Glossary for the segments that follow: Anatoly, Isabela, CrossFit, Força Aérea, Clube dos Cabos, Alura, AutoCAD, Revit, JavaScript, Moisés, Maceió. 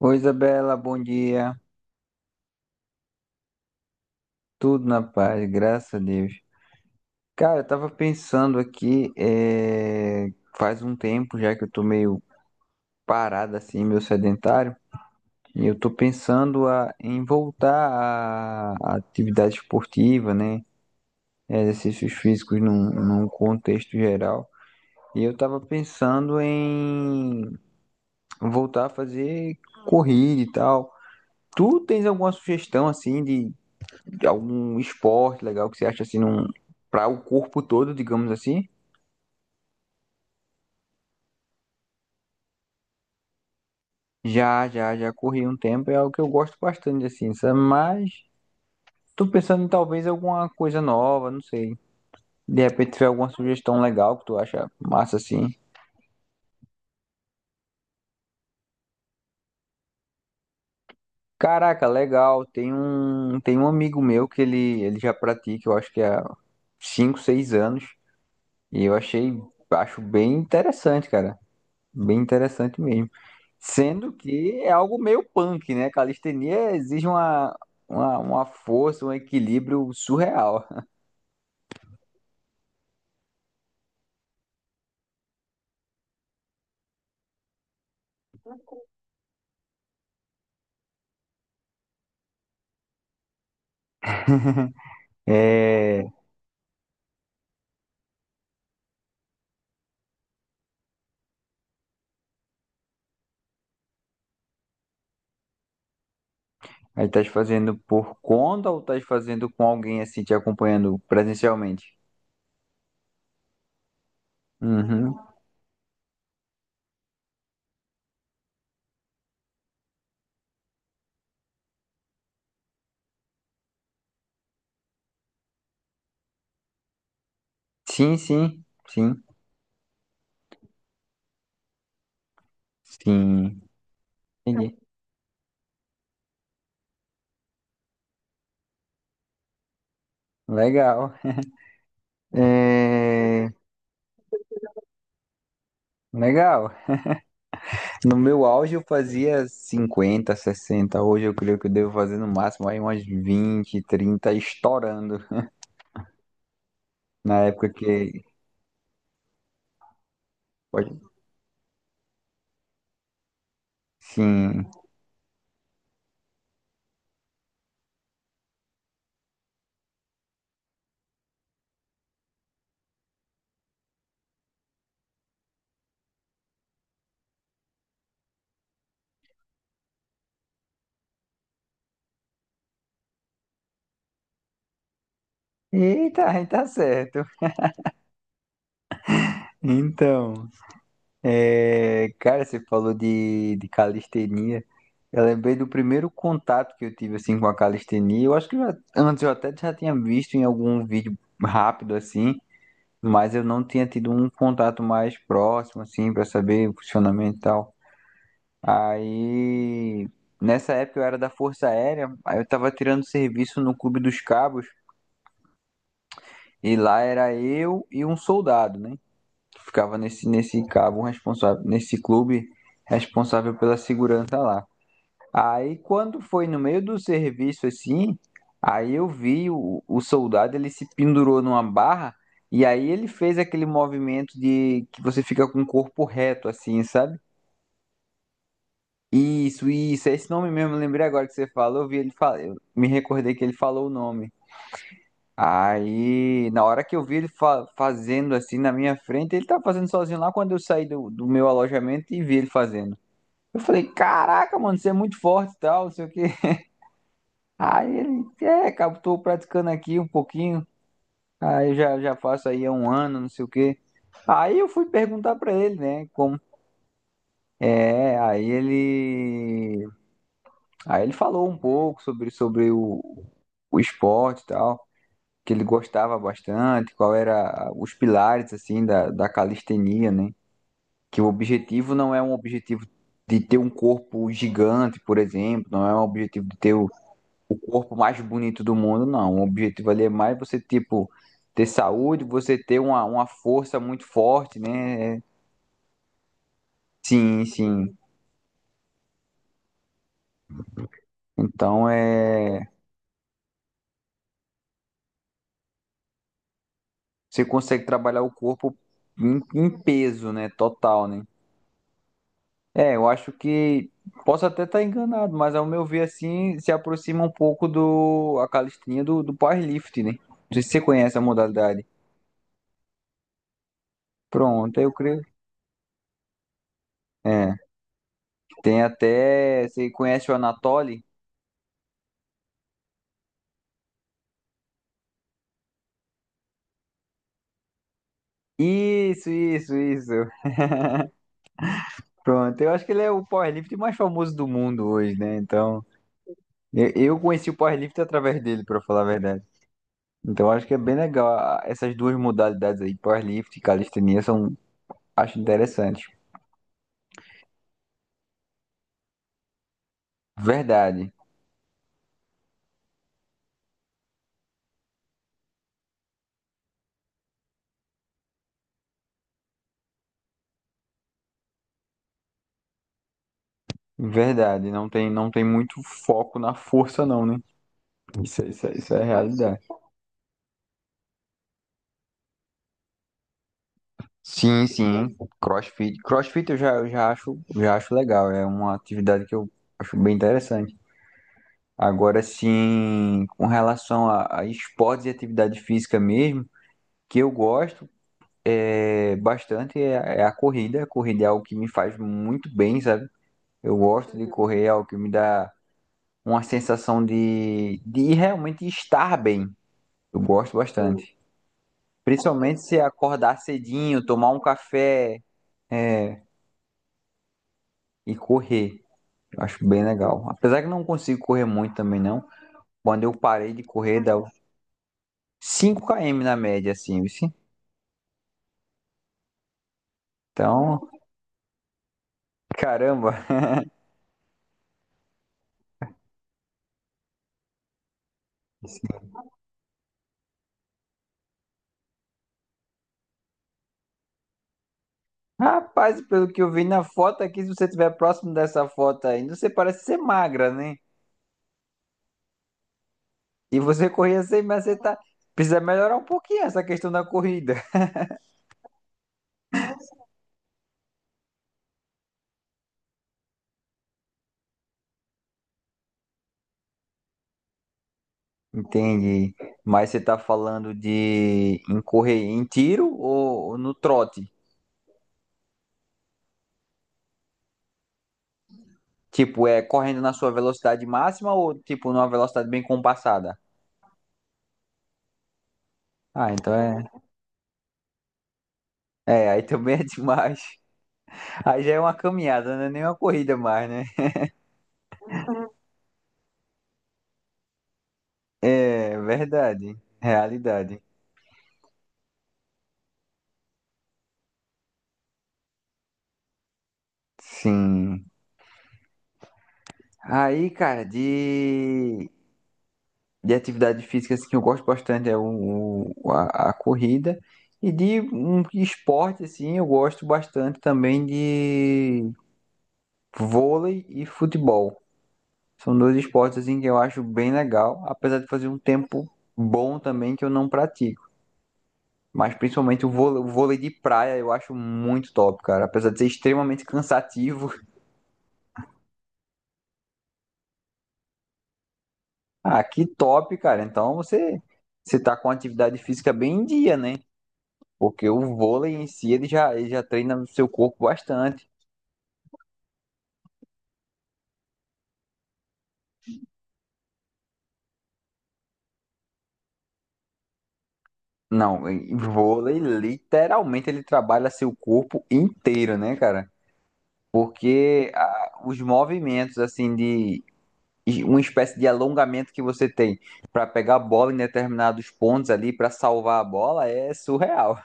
Oi, Isabela, bom dia. Tudo na paz, graças a Deus. Cara, eu tava pensando aqui, faz um tempo já que eu tô meio parado assim, meio sedentário, e eu tô pensando em voltar à atividade esportiva, né? Exercícios físicos num contexto geral. E eu tava pensando em voltar a fazer corrida e tal. Tu tens alguma sugestão assim de algum esporte legal que você acha assim, num, para o corpo todo, digamos assim? Já, já, já corri um tempo, é algo que eu gosto bastante, assim, sabe? Mas tô pensando em talvez alguma coisa nova, não sei. De repente tiver alguma sugestão legal que tu acha massa, assim. Caraca, legal. Tem um amigo meu que ele já pratica, eu acho que há 5 6 anos. E eu achei, acho bem interessante, cara. Bem interessante mesmo. Sendo que é algo meio punk, né? Calistenia exige uma força, um equilíbrio surreal. É, aí estás fazendo por conta ou estás fazendo com alguém assim te acompanhando presencialmente? Uhum. Sim, sim, sim, sim. Entendi. Legal. É, legal. No meu auge eu fazia 50, 60. Hoje eu creio que eu devo fazer no máximo aí umas 20, 30 estourando. Na época que. Sim. Eita, aí tá certo. Então, é, cara, você falou de calistenia. Eu lembrei do primeiro contato que eu tive assim com a calistenia. Eu acho que antes eu até já tinha visto em algum vídeo rápido assim, mas eu não tinha tido um contato mais próximo assim pra saber o funcionamento e tal. Aí, nessa época eu era da Força Aérea, aí eu tava tirando serviço no Clube dos Cabos e lá era eu e um soldado, né? Ficava nesse cabo um responsável, nesse clube responsável pela segurança lá. Aí quando foi no meio do serviço assim, aí eu vi o soldado, ele se pendurou numa barra e aí ele fez aquele movimento de que você fica com o corpo reto assim, sabe? Isso, é esse nome mesmo, eu lembrei agora que você falou, eu vi ele falar, eu me recordei que ele falou o nome. Aí, na hora que eu vi ele fazendo assim na minha frente, ele tava fazendo sozinho lá quando eu saí do meu alojamento e vi ele fazendo. Eu falei, caraca, mano, você é muito forte e tal, não sei o quê. Aí ele, é, cara, tô praticando aqui um pouquinho, aí eu já, já faço aí há um ano, não sei o quê. Aí eu fui perguntar pra ele, né, como... É, aí ele... Aí ele falou um pouco sobre o esporte e tal. Que ele gostava bastante, qual era os pilares assim da calistenia, né? Que o objetivo não é um objetivo de ter um corpo gigante, por exemplo, não é um objetivo de ter o corpo mais bonito do mundo, não. O objetivo ali é mais você tipo ter saúde, você ter uma força muito forte, né? Sim, sim. Então é você consegue trabalhar o corpo em, em peso, né? Total, né? É, eu acho que posso até estar enganado, mas ao meu ver assim se aproxima um pouco do a calistenia do powerlifting, né? Não sei se você conhece a modalidade. Pronto, eu creio. É, tem até, você conhece o Anatoly? Isso, isso, isso. Pronto, eu acho que ele é o powerlifting mais famoso do mundo hoje, né? Então, eu conheci o powerlifting através dele, pra falar a verdade. Então, eu acho que é bem legal essas duas modalidades aí, powerlifting e calistenia, são acho interessantes. Verdade. Verdade, não tem muito foco na força, não, né? Isso, isso, isso é a realidade. Sim, sim. CrossFit. CrossFit eu já, eu já acho legal. É uma atividade que eu acho bem interessante. Agora, sim, com relação a esportes e atividade física mesmo, que eu gosto é, bastante é a corrida. A corrida é algo que me faz muito bem, sabe? Eu gosto de. Uhum. Correr, é algo que me dá uma sensação de realmente estar bem. Eu gosto bastante. Principalmente se acordar cedinho, tomar um café e correr. Eu acho bem legal. Apesar que não consigo correr muito também, não. Quando eu parei de correr, dá 5 km na média, assim, viu? Então, caramba. Rapaz, pelo que eu vi na foto aqui, se você estiver próximo dessa foto ainda, você parece ser magra, né? E você corria assim, mas você tá. Precisa melhorar um pouquinho essa questão da corrida. Entendi. Mas você tá falando de em correr em tiro ou no trote? Tipo, é correndo na sua velocidade máxima ou, tipo, numa velocidade bem compassada? Ah, então é. É, aí também é demais. Aí já é uma caminhada, não é nem uma corrida mais, né? É, verdade. Realidade. Sim. Aí, cara, de atividade física assim, que eu gosto bastante é o, a corrida. E de um esporte, assim, eu gosto bastante também de vôlei e futebol. São dois esportes assim que eu acho bem legal, apesar de fazer um tempo bom também que eu não pratico. Mas principalmente o vôlei de praia eu acho muito top, cara. Apesar de ser extremamente cansativo. Ah, que top, cara. Então você tá com atividade física bem em dia, né? Porque o vôlei em si ele já treina o seu corpo bastante. Não, e- vôlei literalmente ele trabalha seu corpo inteiro, né, cara? Porque ah, os movimentos assim de e uma espécie de alongamento que você tem para pegar a bola em determinados pontos ali para salvar a bola é surreal.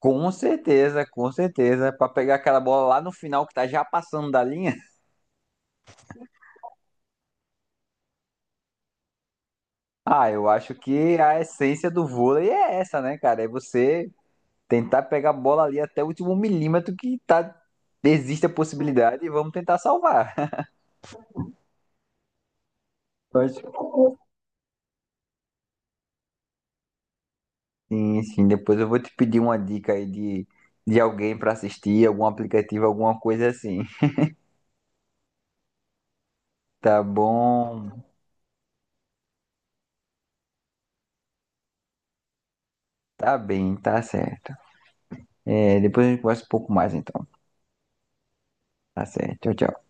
Com certeza, para pegar aquela bola lá no final que tá já passando da linha. Ah, eu acho que a essência do vôlei é essa, né, cara? É você tentar pegar a bola ali até o último milímetro que tá existe a possibilidade e vamos tentar salvar. Mas, sim, sim, depois eu vou te pedir uma dica aí de alguém para assistir, algum aplicativo, alguma coisa assim. Tá bom, tá bem, tá certo. É, depois a gente conversa um pouco mais então. Tá certo, tchau, tchau.